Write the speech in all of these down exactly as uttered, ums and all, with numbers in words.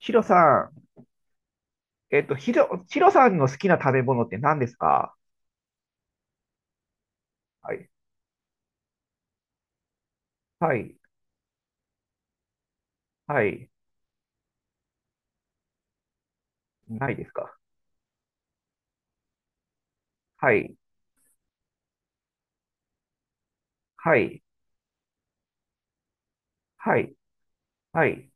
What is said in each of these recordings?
ヒロさん、えっと、ヒロ、ヒロさんの好きな食べ物って何ですか？はい。はい。はい。ないですか？はい。はい。はい。はい。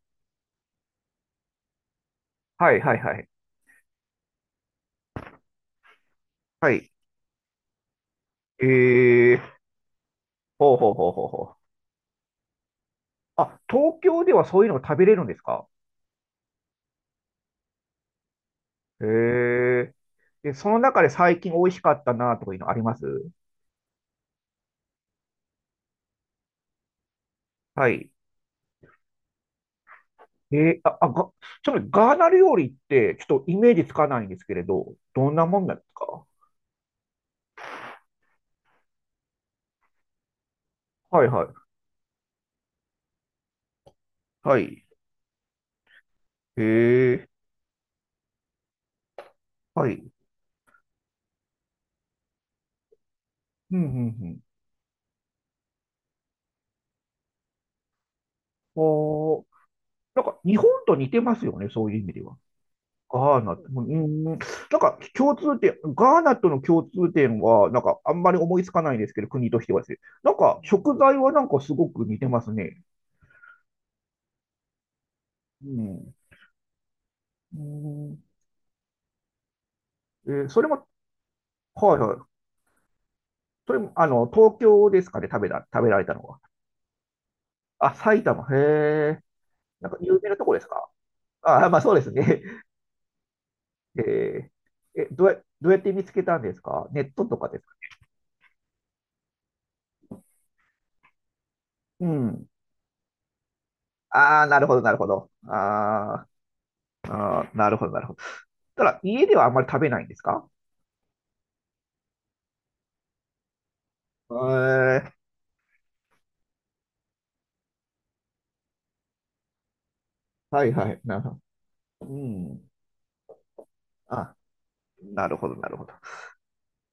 はい。はい。はい。はい。えー、ほうほうほうほうほう。あ、東京ではそういうのが食べれるんですか？えー、で、その中で最近美味しかったなとかいうのあります？はい。えー、あ、あ、が、ちなみにガーナ料理って、ちょっとイメージつかないんですけれど、どんなもんなんですか？はいはい。はい。えー、はい。うんうんうん。おー。なんか日本と似てますよね、そういう意味では。ガーナ、うん、なんか共通点、ガーナとの共通点は、なんかあんまり思いつかないんですけど、国としてはですね。なんか食材はなんかすごく似てますね。うん。うん。えーそれも、はいはい。それも、あの、東京ですかね、食べた、食べられたのは。あ、埼玉、へえ。なんか有名なとこですか？あ、まあそうですね。えーえ、どうや、どうやって見つけたんですか？ネットとかですか？うん。ああ、なるほど、なるほど。あーあー、なるほど、なるほど。ただ、家ではあんまり食べないんですか？えー、はいはい、なるほど。うん。あ、なるほど、なるほど。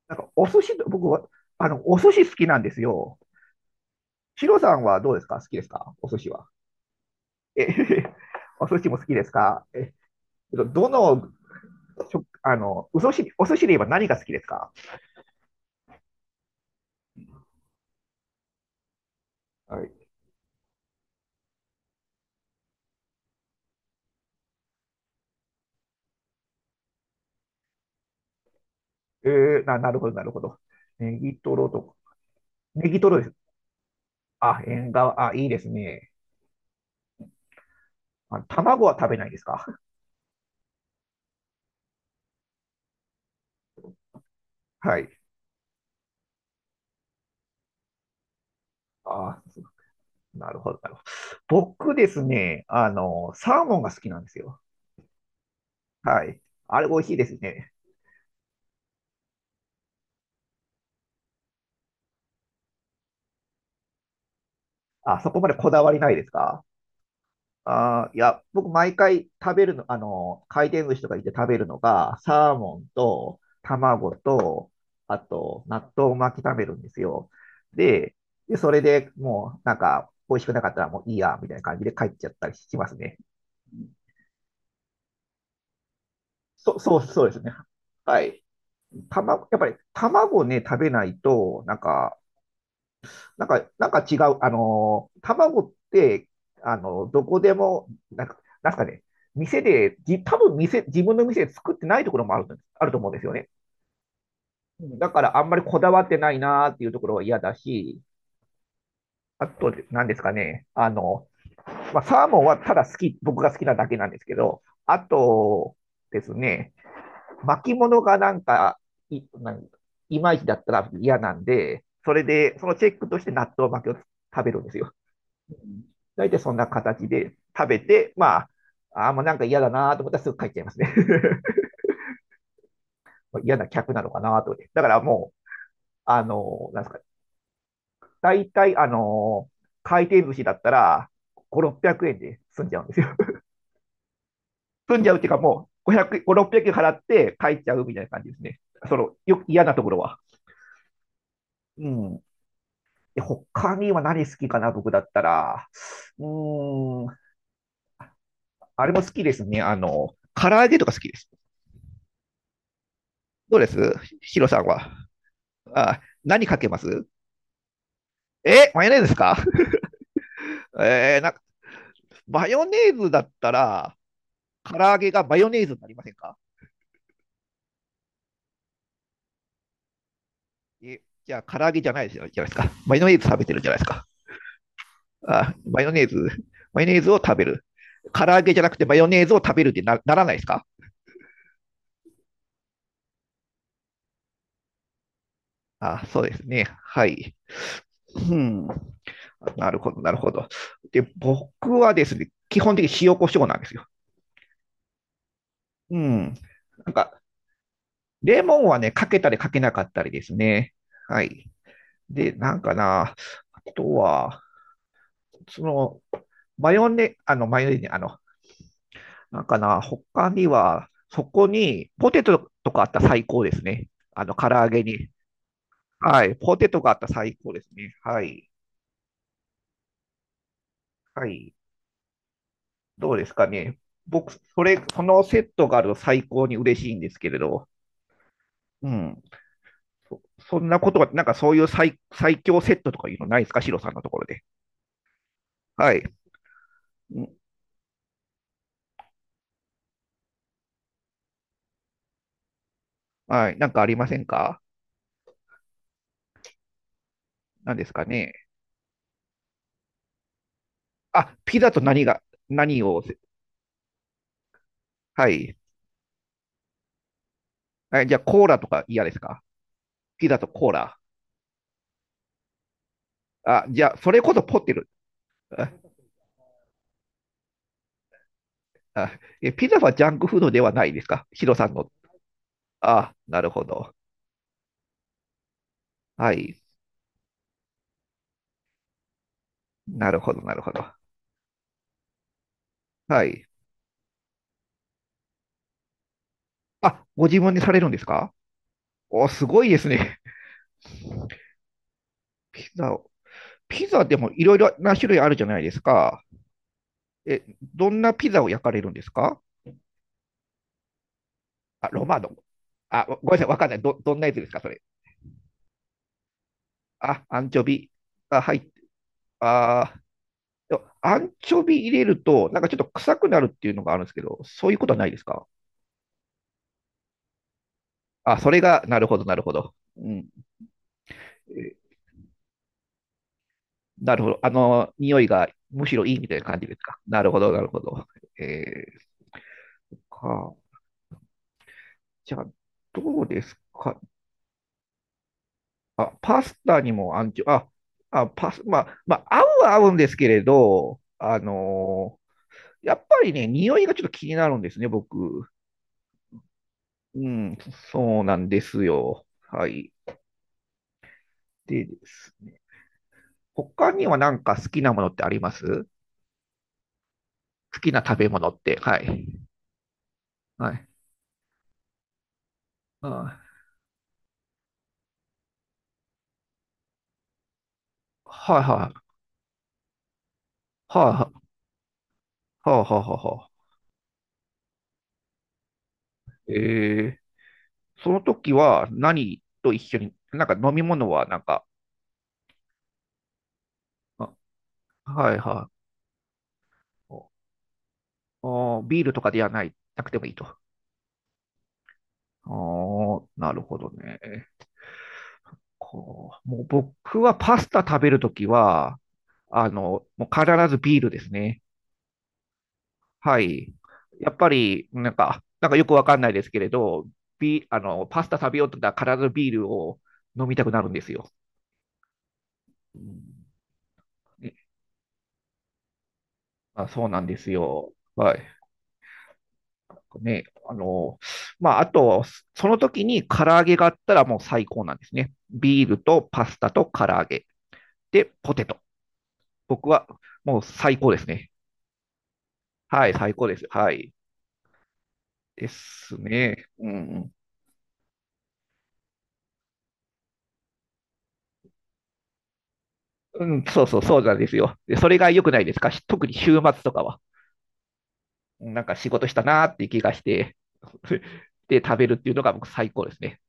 なんか、お寿司と、僕は、あの、お寿司好きなんですよ。ヒロさんはどうですか？好きですか？お寿司は。え、お寿司も好きですか？え、どの、食あの、お寿司、お寿司で言えば何が好きですか？はい。えー、な、なるほど、なるほど。ネギトロとか。ネギトロです。あ、縁側、あ、いいですね。あ、卵は食べないですか？ はい。あー、なるほど、なるほど。僕ですね、あの、サーモンが好きなんですよ。はい。あれ美味しいですね。あ、そこまでこだわりないですか？あー、いや、僕毎回食べるの、あの、回転寿司とか行って食べるのが、サーモンと卵と、あと、納豆巻き食べるんですよ。で、で、それでもう、なんか、美味しくなかったらもういいや、みたいな感じで帰っちゃったりしますね。そ、そう、そうですね。はい。卵、やっぱり卵ね、食べないと、なんか、なんか、なんか違う、あのー、卵って、あのー、どこでも、なんか、なんすかね、店で、じ、多分店、自分の店で作ってないところもあると、あると思うんですよね。だから、あんまりこだわってないなーっていうところは嫌だし、あと、なんですかね、あの、まあ、サーモンはただ好き、僕が好きなだけなんですけど、あとですね、巻物がなんか、い、なんいまいちだったら嫌なんで、それで、そのチェックとして納豆巻きを食べるんですよ。大体そんな形で食べて、まあ、あ、もうなんか嫌だなと思ったらすぐ帰っちゃいますね。嫌な客なのかなと思って。だからもう、あの、なんですか、大体、あの、回転寿司だったら、ご、ろっぴゃくえんで済んじゃうんですよ。済んじゃうっていうかもう、ごひゃく、ご、ろっぴゃくえん払って帰っちゃうみたいな感じですね。その、よ、嫌なところは。うん。で、他には何好きかな、僕だったら。うーん、あれも好きですね。あの、唐揚げとか好きです。どうです？ヒロさんは。あ、何かけます？え、マヨネーズですか？ えー、なんか、マヨネーズだったら、唐揚げがマヨネーズになりませんか？え、じゃあ、唐揚げじゃないじゃないですか。マヨネーズ食べてるじゃないですか。あ、マヨネーズ、マヨネーズを食べる。唐揚げじゃなくてマヨネーズを食べるってなならないですか？あ、そうですね。はい。うん。なるほど、なるほど。で、僕はですね、基本的に塩コショウなんですよ。うん。なんか、レモンはね、かけたりかけなかったりですね。はい。で、なんかな、あとは、その、マヨネ、あの、マヨネ、あの、なんかな、他には、そこに、ポテトとかあったら最高ですね。あの、唐揚げに。はい。ポテトがあったら最高ですね。はい。はい。どうですかね。僕、それ、そのセットがあると最高に嬉しいんですけれど。うん。そ、そんなことは、なんかそういう最、最強セットとかいうのないですか？シロさんのところで。はい。ん、はい。なんかありませんか？何ですかね。あ、ピザと何が、何を？はい。はい、じゃあコーラとか嫌ですか？ピザとコーラ。あ、じゃあ、それこそポテル。あ、あえ、ピザはジャンクフードではないですか？ヒロさんの。あ、なるほど。はい。なるほど、なるほど。はい。あ、ご自分でされるんですか？お、すごいですね。ピザを。ピザでもいろいろな種類あるじゃないですか。え、どんなピザを焼かれるんですか？あ、ロマノ。あ、ごめんなさい、わかんない。ど、どんなやつですか、それ。あ、アンチョビ。あ、はい。あー、でもアンチョビ入れると、なんかちょっと臭くなるっていうのがあるんですけど、そういうことはないですか？あ、それが、なるほど、なるほど。うん。え、なるほど。あの、匂いがむしろいいみたいな感じですか。なるほど、なるほど。えー、か。じゃあ、どうですか？あ、パスタにもアンチョ、あ、あ、パス、まあ、まあ、合うは合うんですけれど、あのー、やっぱりね、匂いがちょっと気になるんですね、僕。うん、そうなんですよ。はい。でですね、他にはなんか好きなものってあります？好きな食べ物って。はい。はい。はいはいはい。はいはいはいはいはいはいはいはいはい。えー、その時は何と一緒に、なんか飲み物はなんか、あ、はいはい。あー、ビールとかではない、なくてもいいと。ああ、なるほどね。こう、もう僕はパスタ食べるときは、あの、もう必ずビールですね。はい。やっぱり、なんか、なんかよくわかんないですけれど、ビ、あの、パスタ食べようと思ったら必ずビールを飲みたくなるんですよ。うん。ね、まあ、そうなんですよ。はい。ね、あの、まあ、あと、その時に唐揚げがあったらもう最高なんですね。ビールとパスタと唐揚げ。で、ポテト。僕はもう最高ですね。はい、最高です。はい。ですね。うん。うん、そうそう、そうなんですよ。で、それが良くないですか？し、特に週末とかは。なんか仕事したなーっていう気がして、で、食べるっていうのが僕最高ですね。